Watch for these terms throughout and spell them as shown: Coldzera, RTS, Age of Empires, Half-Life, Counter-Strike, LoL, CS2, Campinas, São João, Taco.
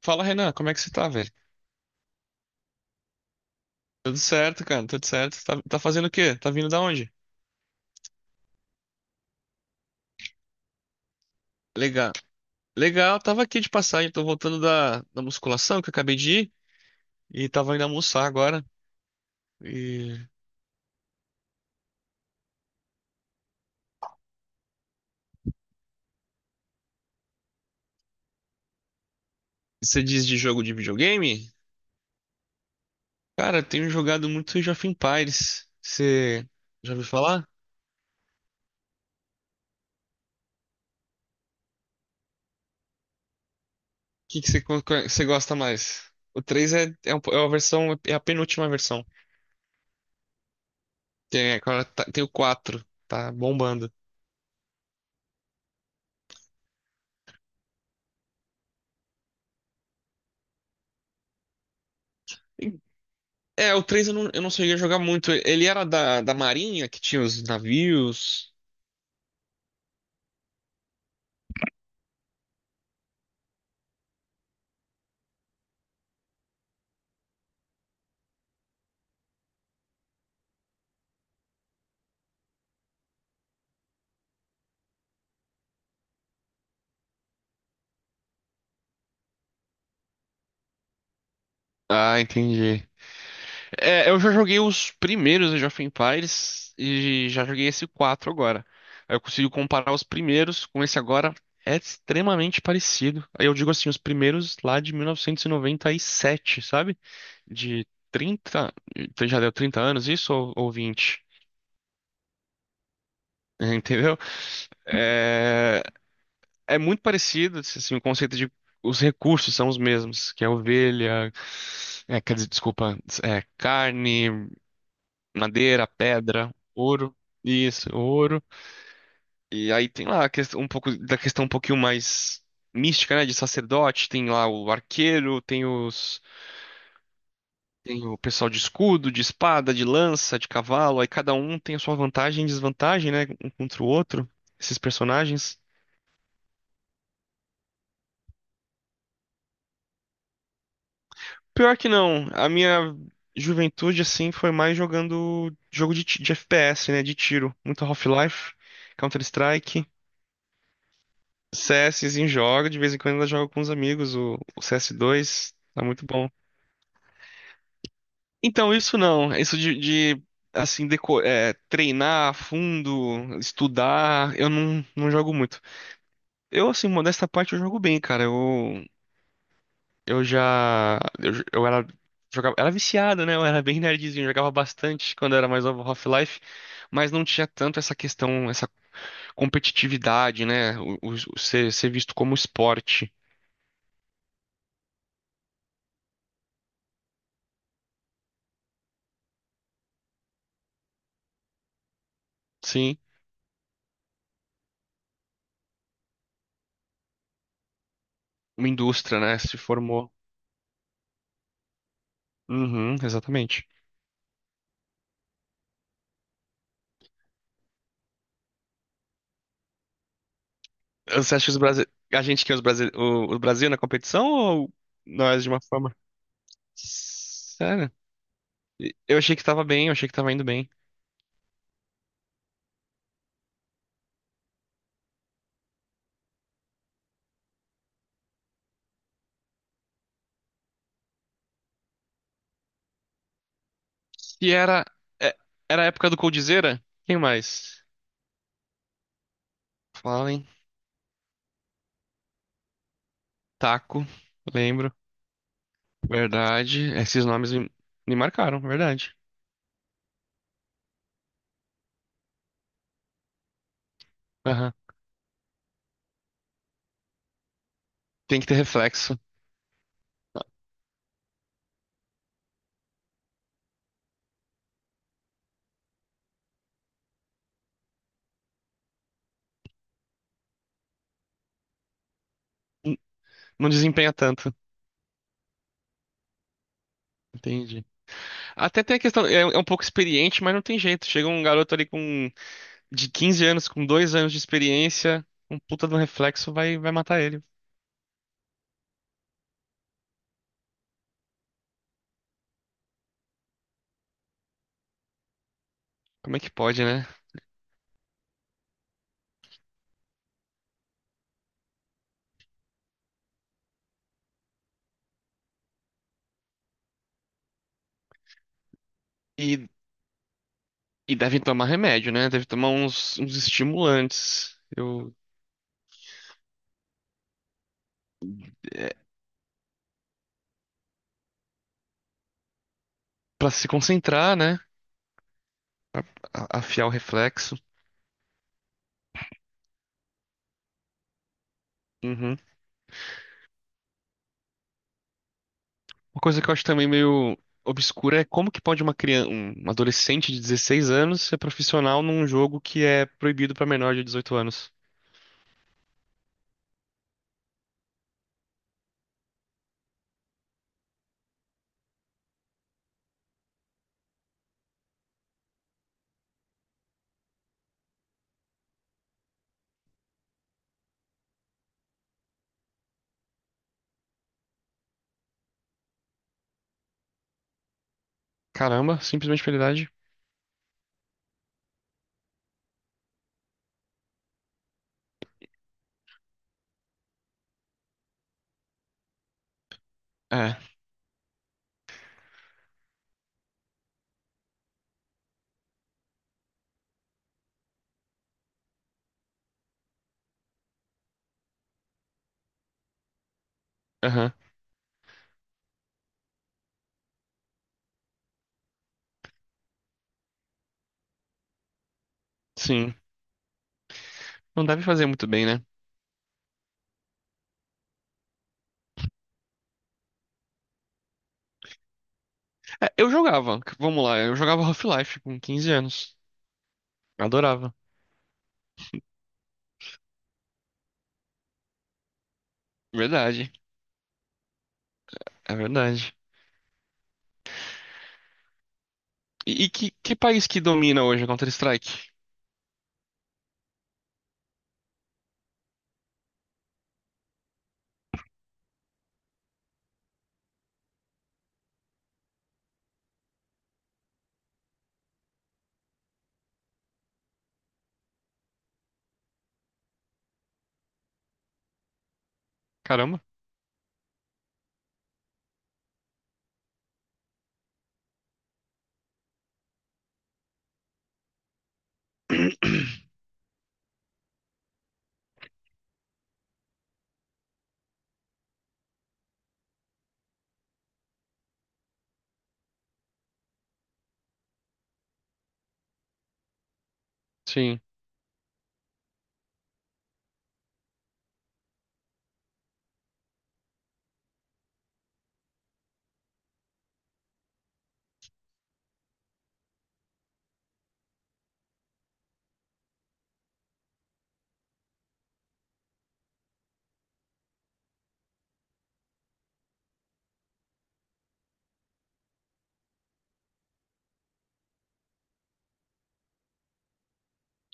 Fala, Renan, como é que você tá, velho? Tudo certo, cara, tudo certo. Tá fazendo o quê? Tá vindo da onde? Legal. Legal, tava aqui de passagem, tô voltando da musculação que eu acabei de ir e tava indo almoçar agora. E você diz de jogo de videogame? Cara, eu tenho jogado muito Age of Empires. Você já ouviu falar? O que, que você, co- co- Você gosta mais? O 3 é a versão, é a penúltima versão. Tem, agora tem o 4, tá bombando. É, o 3 eu não cheguei a jogar muito. Ele era da Marinha, que tinha os navios. Ah, entendi. É, eu já joguei os primeiros Age of Empires e já joguei esse 4 agora. Aí eu consigo comparar os primeiros com esse agora. É extremamente parecido. Aí eu digo assim, os primeiros lá de 1997, sabe? De 30 Já deu 30 anos isso ou 20? Entendeu? É, é muito parecido, assim, o conceito de os recursos são os mesmos, que é quer dizer, desculpa, é carne, madeira, pedra, ouro. E aí tem lá a questão, um pouco da questão um pouquinho mais mística, né, de sacerdote, tem lá o arqueiro, tem o pessoal de escudo, de espada, de lança, de cavalo, aí cada um tem a sua vantagem e desvantagem, né, um contra o outro, esses personagens. Pior que não. A minha juventude, assim, foi mais jogando jogo de FPS, né? De tiro. Muito Half-Life, Counter-Strike, CSzinho joga. De vez em quando ainda jogo com os amigos o CS2. Tá muito bom. Então, isso não. Isso de treinar a fundo, estudar, eu não, não jogo muito. Eu, assim, modesta parte, eu jogo bem, cara. Eu já. Eu, j- eu era. Jogava, era viciado, né? Eu era bem nerdzinho, jogava bastante quando eu era mais novo Half-Life, mas não tinha tanto essa competitividade, né? Ser visto como esporte. Sim, uma indústria, né? Se formou. Uhum, exatamente. Você acha que os Brasi... a gente que é os Brasi... o, O Brasil na competição ou nós de uma forma? Sério? Eu achei que tava bem, eu achei que tava indo bem. E era. é- Era a época do Coldzera? Quem mais? Falem. Taco, lembro. Verdade. Me marcaram, verdade. Aham. Tem que ter reflexo. N- Não desempenha tanto. Entendi. Até tem a questão, é um pouco experiente, mas não tem jeito. Chega um garoto ali com de 15 anos, com dois anos de experiência, um puta de um reflexo vai matar ele. Como é que pode, né? E, e devem tomar remédio, né? Deve tomar uns estimulantes. É, Para se concentrar, né? Afiar o reflexo. Uhum. Uma coisa que eu acho também meio obscura é como que pode uma criança, um adolescente de 16 anos ser profissional num jogo que é proibido pra menor de 18 anos. Caramba, simplesmente pela idade. É, aham, sim. Não deve fazer muito bem, né? É, eu jogava, vamos lá, eu jogava Half-Life com 15 anos. Adorava. Verdade, é verdade. E que país que domina hoje a Counter-Strike? Caramba. Sim.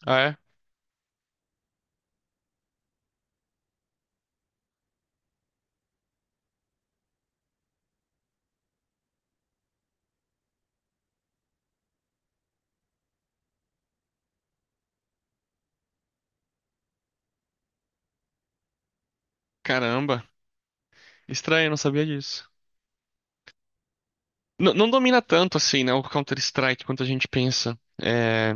Ah, é? Caramba. Estranho, eu não sabia disso. Não domina tanto assim, né, o Counter-Strike quanto a gente pensa. É,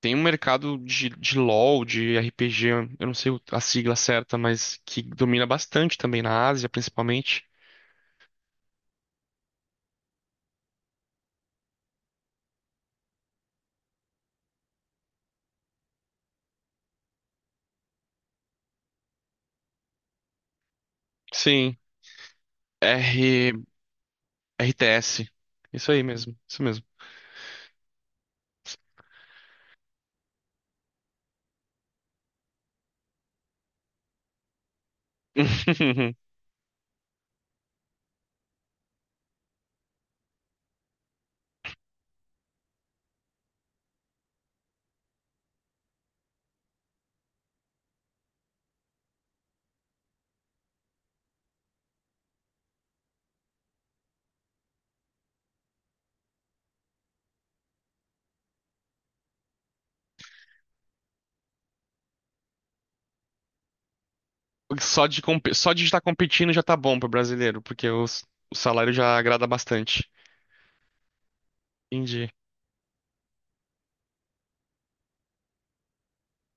tem um mercado de LoL, de RPG, eu não sei a sigla certa, mas que domina bastante também na Ásia, principalmente. Sim, R, RTS. Isso aí mesmo, isso mesmo. Só de estar competindo já tá bom pro brasileiro, porque o salário já agrada bastante. Entendi.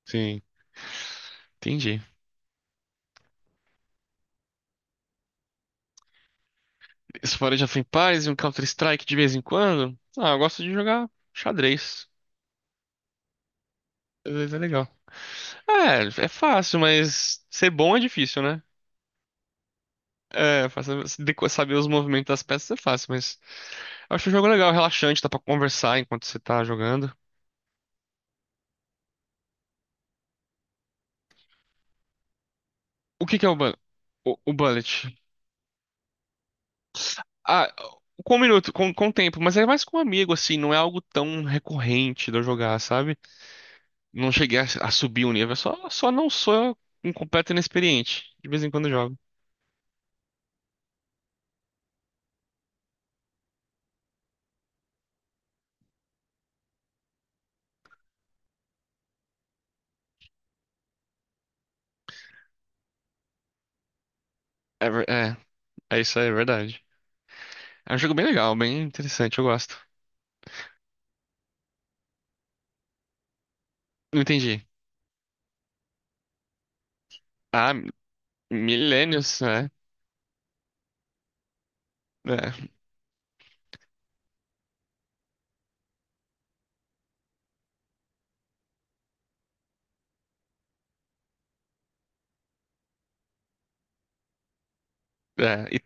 Sim, entendi. Esse Forage of paz e um Counter-Strike de vez em quando? Ah, eu gosto de jogar xadrez. Mas é legal. É, é fácil, mas ser bom é difícil, né? É, saber os movimentos das peças é fácil, mas eu acho o jogo legal, relaxante, dá pra conversar enquanto você tá jogando. O que que é o, o bullet? Ah, com um minuto, com tempo, mas é mais com um amigo, assim, não é algo tão recorrente de eu jogar, sabe? Não cheguei a subir o nível, só não sou um completo inexperiente. De vez em quando eu jogo. É, ver- é, é isso aí, é verdade. É um jogo bem legal, bem interessante, eu gosto. Não entendi. Ah, milênios, né? É, é.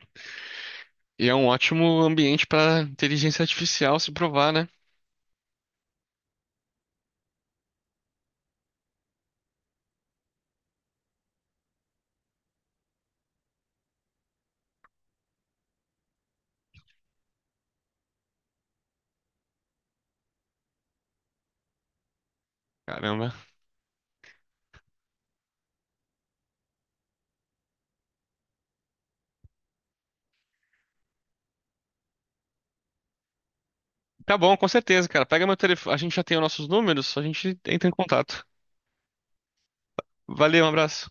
E é um ótimo ambiente para inteligência artificial se provar, né? Caramba. Tá bom, com certeza, cara. Pega meu telefone. A gente já tem os nossos números, a gente entra em contato. Valeu, um abraço.